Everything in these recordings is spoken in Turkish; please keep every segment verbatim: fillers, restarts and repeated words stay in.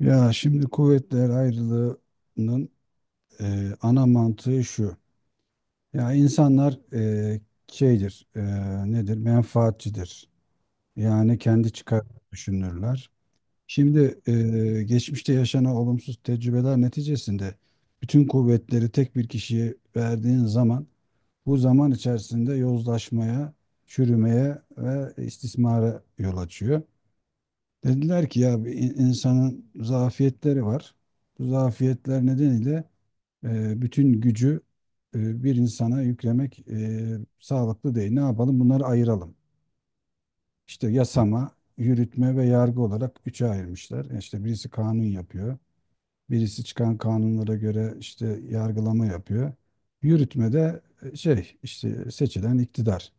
Ya şimdi kuvvetler ayrılığının e, ana mantığı şu. Ya insanlar e, şeydir, e, nedir? Menfaatçidir. Yani kendi çıkarını düşünürler. Şimdi e, geçmişte yaşanan olumsuz tecrübeler neticesinde bütün kuvvetleri tek bir kişiye verdiğin zaman bu zaman içerisinde yozlaşmaya, çürümeye ve istismara yol açıyor. Dediler ki ya bir in- insanın zafiyetleri var. Bu zafiyetler nedeniyle e, bütün gücü e, bir insana yüklemek e, sağlıklı değil. Ne yapalım? Bunları ayıralım. İşte yasama, yürütme ve yargı olarak üçe ayırmışlar. E İşte birisi kanun yapıyor. Birisi çıkan kanunlara göre işte yargılama yapıyor. Yürütme de e, şey işte seçilen iktidar.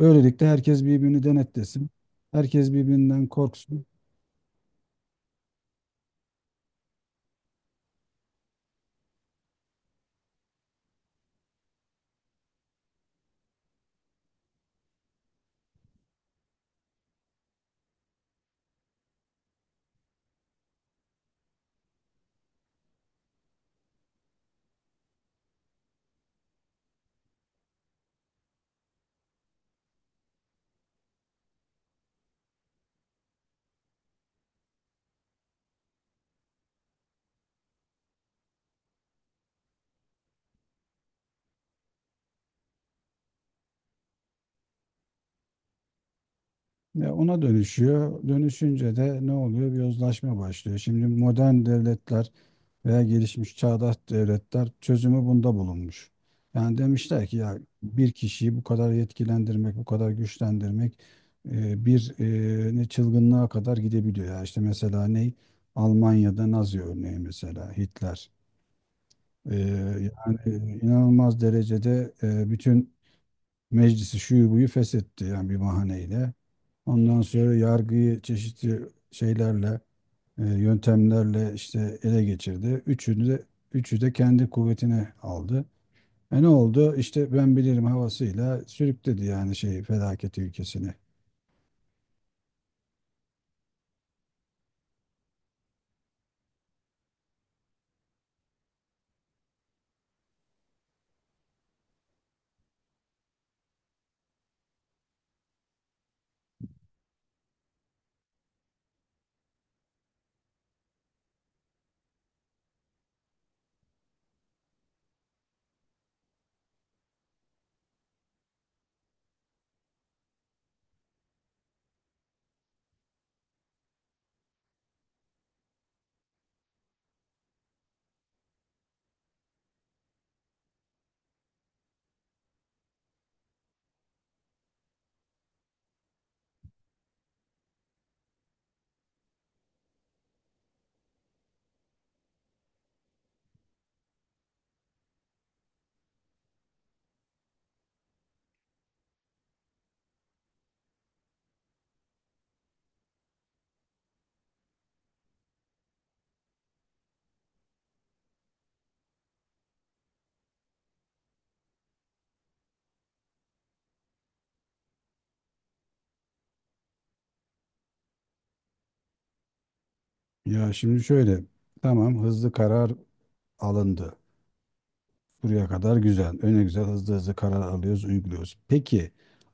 Böylelikle herkes birbirini denetlesin. Herkes birbirinden korksun. Ya ona dönüşüyor. Dönüşünce de ne oluyor? Bir yozlaşma başlıyor. Şimdi modern devletler veya gelişmiş çağdaş devletler çözümü bunda bulunmuş. Yani demişler ki ya bir kişiyi bu kadar yetkilendirmek, bu kadar güçlendirmek e, bir e, ne çılgınlığa kadar gidebiliyor. Ya işte mesela ne? Almanya'da Nazi örneği mesela Hitler. E, yani inanılmaz derecede e, bütün meclisi şuyu buyu feshetti yani bir bahaneyle. Ondan sonra yargıyı çeşitli şeylerle, e, yöntemlerle işte ele geçirdi. Üçünü de üçü de kendi kuvvetine aldı. E ne oldu? İşte ben bilirim havasıyla sürükledi yani şeyi felaket ülkesini. Ya şimdi şöyle, tamam hızlı karar alındı. Buraya kadar güzel. Öne güzel hızlı hızlı karar alıyoruz, uyguluyoruz. Peki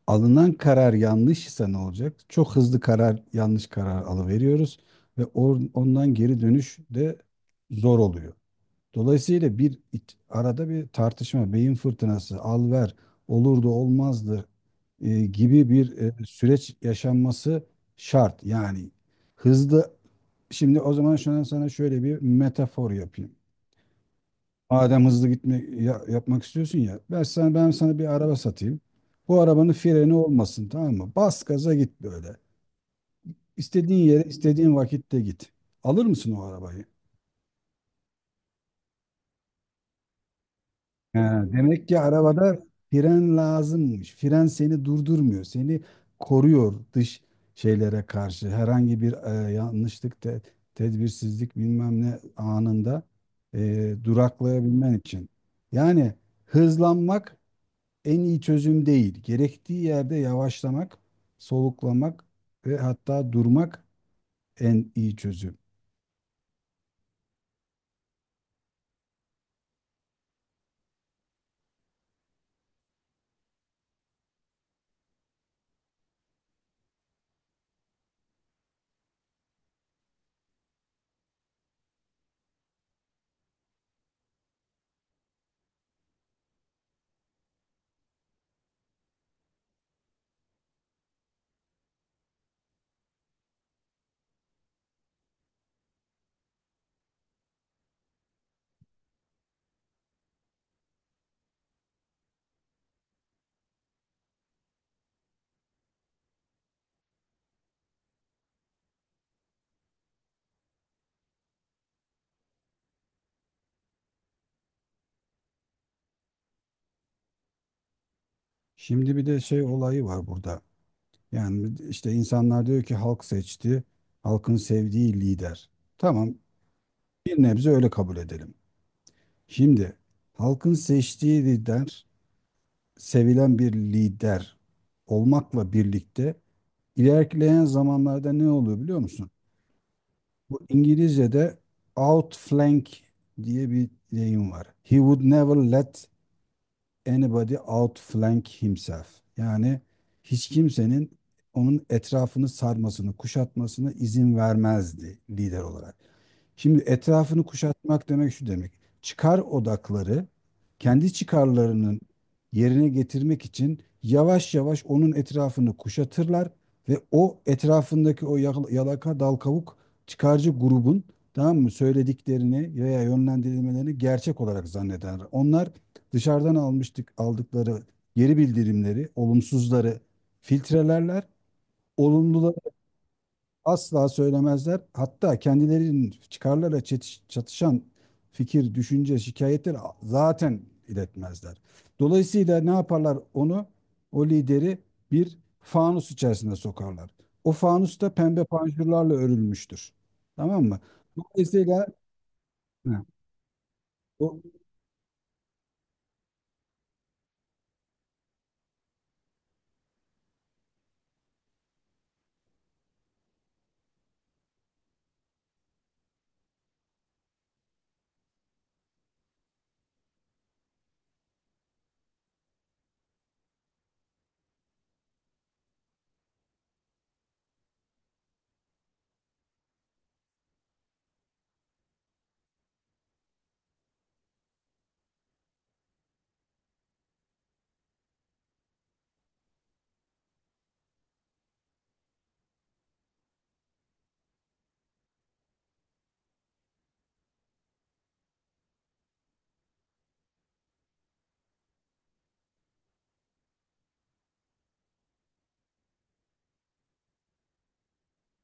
alınan karar yanlış ise ne olacak? Çok hızlı karar, yanlış karar alıveriyoruz ve or- ondan geri dönüş de zor oluyor. Dolayısıyla bir iç- arada bir tartışma, beyin fırtınası, al ver, olurdu olmazdı e, gibi bir e, süreç yaşanması şart. Yani hızlı, şimdi o zaman şu an sana şöyle bir metafor yapayım. Madem hızlı gitme ya- yapmak istiyorsun ya. Ben sana, ben sana bir araba satayım. Bu arabanın freni olmasın, tamam mı? Bas gaza git böyle. İstediğin yere istediğin vakitte git. Alır mısın o arabayı? He, demek ki arabada fren lazımmış. Fren seni durdurmuyor. Seni koruyor dış şeylere karşı. Herhangi bir e, yanlışlık, te- tedbirsizlik bilmem ne anında e, duraklayabilmen için. Yani hızlanmak en iyi çözüm değil. Gerektiği yerde yavaşlamak, soluklamak ve hatta durmak en iyi çözüm. Şimdi bir de şey olayı var burada. Yani işte insanlar diyor ki halk seçti, halkın sevdiği lider. Tamam, bir nebze öyle kabul edelim. Şimdi halkın seçtiği lider, sevilen bir lider olmakla birlikte ilerleyen zamanlarda ne oluyor biliyor musun? Bu İngilizce'de outflank diye bir deyim var. He would never let anybody outflank himself. Yani hiç kimsenin onun etrafını sarmasını, kuşatmasına izin vermezdi lider olarak. Şimdi etrafını kuşatmak demek şu demek. Çıkar odakları kendi çıkarlarının yerine getirmek için yavaş yavaş onun etrafını kuşatırlar ve o etrafındaki o yakal- yalaka dal kavuk çıkarcı grubun, tamam mı, söylediklerini veya yönlendirilmelerini gerçek olarak zannederler. Onlar dışarıdan almıştık aldıkları geri bildirimleri, olumsuzları filtrelerler. Olumluları asla söylemezler. Hatta kendilerinin çıkarlarla çetiş- çatışan fikir, düşünce, şikayetleri zaten iletmezler. Dolayısıyla ne yaparlar onu? O lideri bir fanus içerisine sokarlar. O fanus da pembe panjurlarla örülmüştür. Tamam mı? Dolayısıyla hı, o,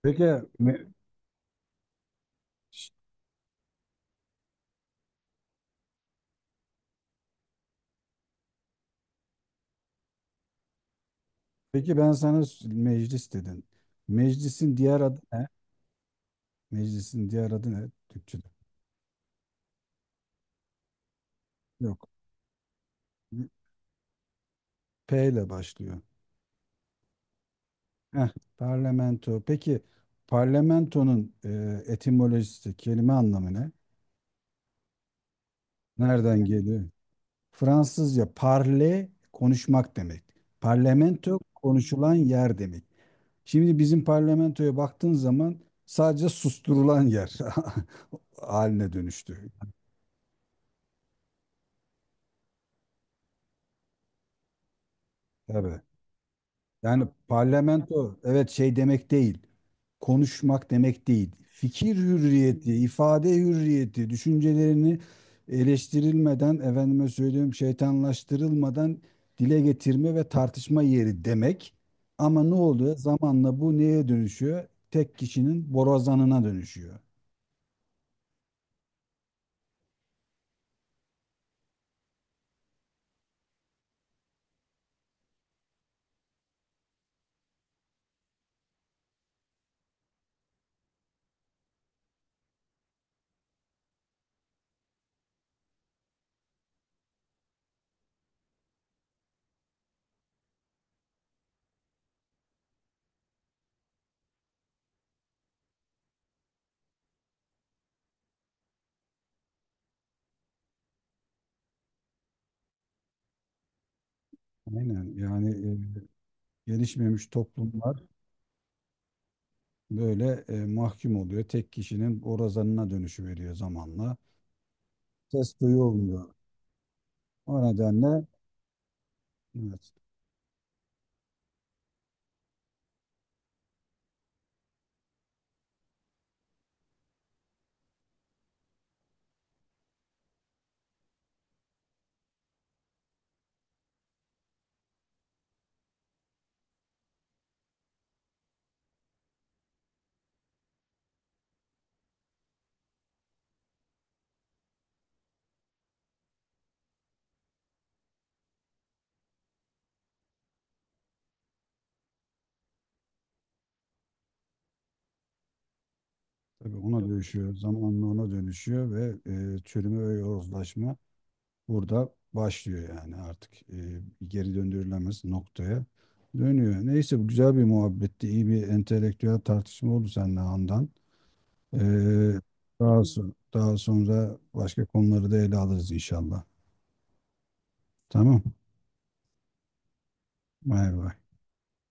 peki me- peki ben sana s- meclis dedin. Meclisin diğer adı ne? Meclisin diğer adı ne Türkçe'de? Yok. P ile başlıyor. Heh, parlamento. Peki parlamentonun e, etimolojisi, kelime anlamı ne? Nereden geliyor? Fransızca parle konuşmak demek. Parlamento konuşulan yer demek. Şimdi bizim parlamentoya baktığın zaman sadece susturulan yer haline dönüştü. Tabii. Yani parlamento evet şey demek değil. Konuşmak demek değil. Fikir hürriyeti, ifade hürriyeti, düşüncelerini eleştirilmeden, efendime söyleyeyim şeytanlaştırılmadan dile getirme ve tartışma yeri demek. Ama ne oluyor? Zamanla bu neye dönüşüyor? Tek kişinin borazanına dönüşüyor. Aynen yani e, gelişmemiş toplumlar böyle e, mahkum oluyor. Tek kişinin borazanına dönüşü veriyor zamanla. Ses duyulmuyor. O nedenle evet, tabii ona dönüşüyor. Zamanla ona dönüşüyor ve e, çürüme ve yozlaşma burada başlıyor yani artık e, geri döndürülemez noktaya dönüyor. Neyse bu güzel bir muhabbetti. İyi bir entelektüel tartışma oldu seninle Handan. E, daha, so- daha sonra başka konuları da ele alırız inşallah. Tamam. Bay bay.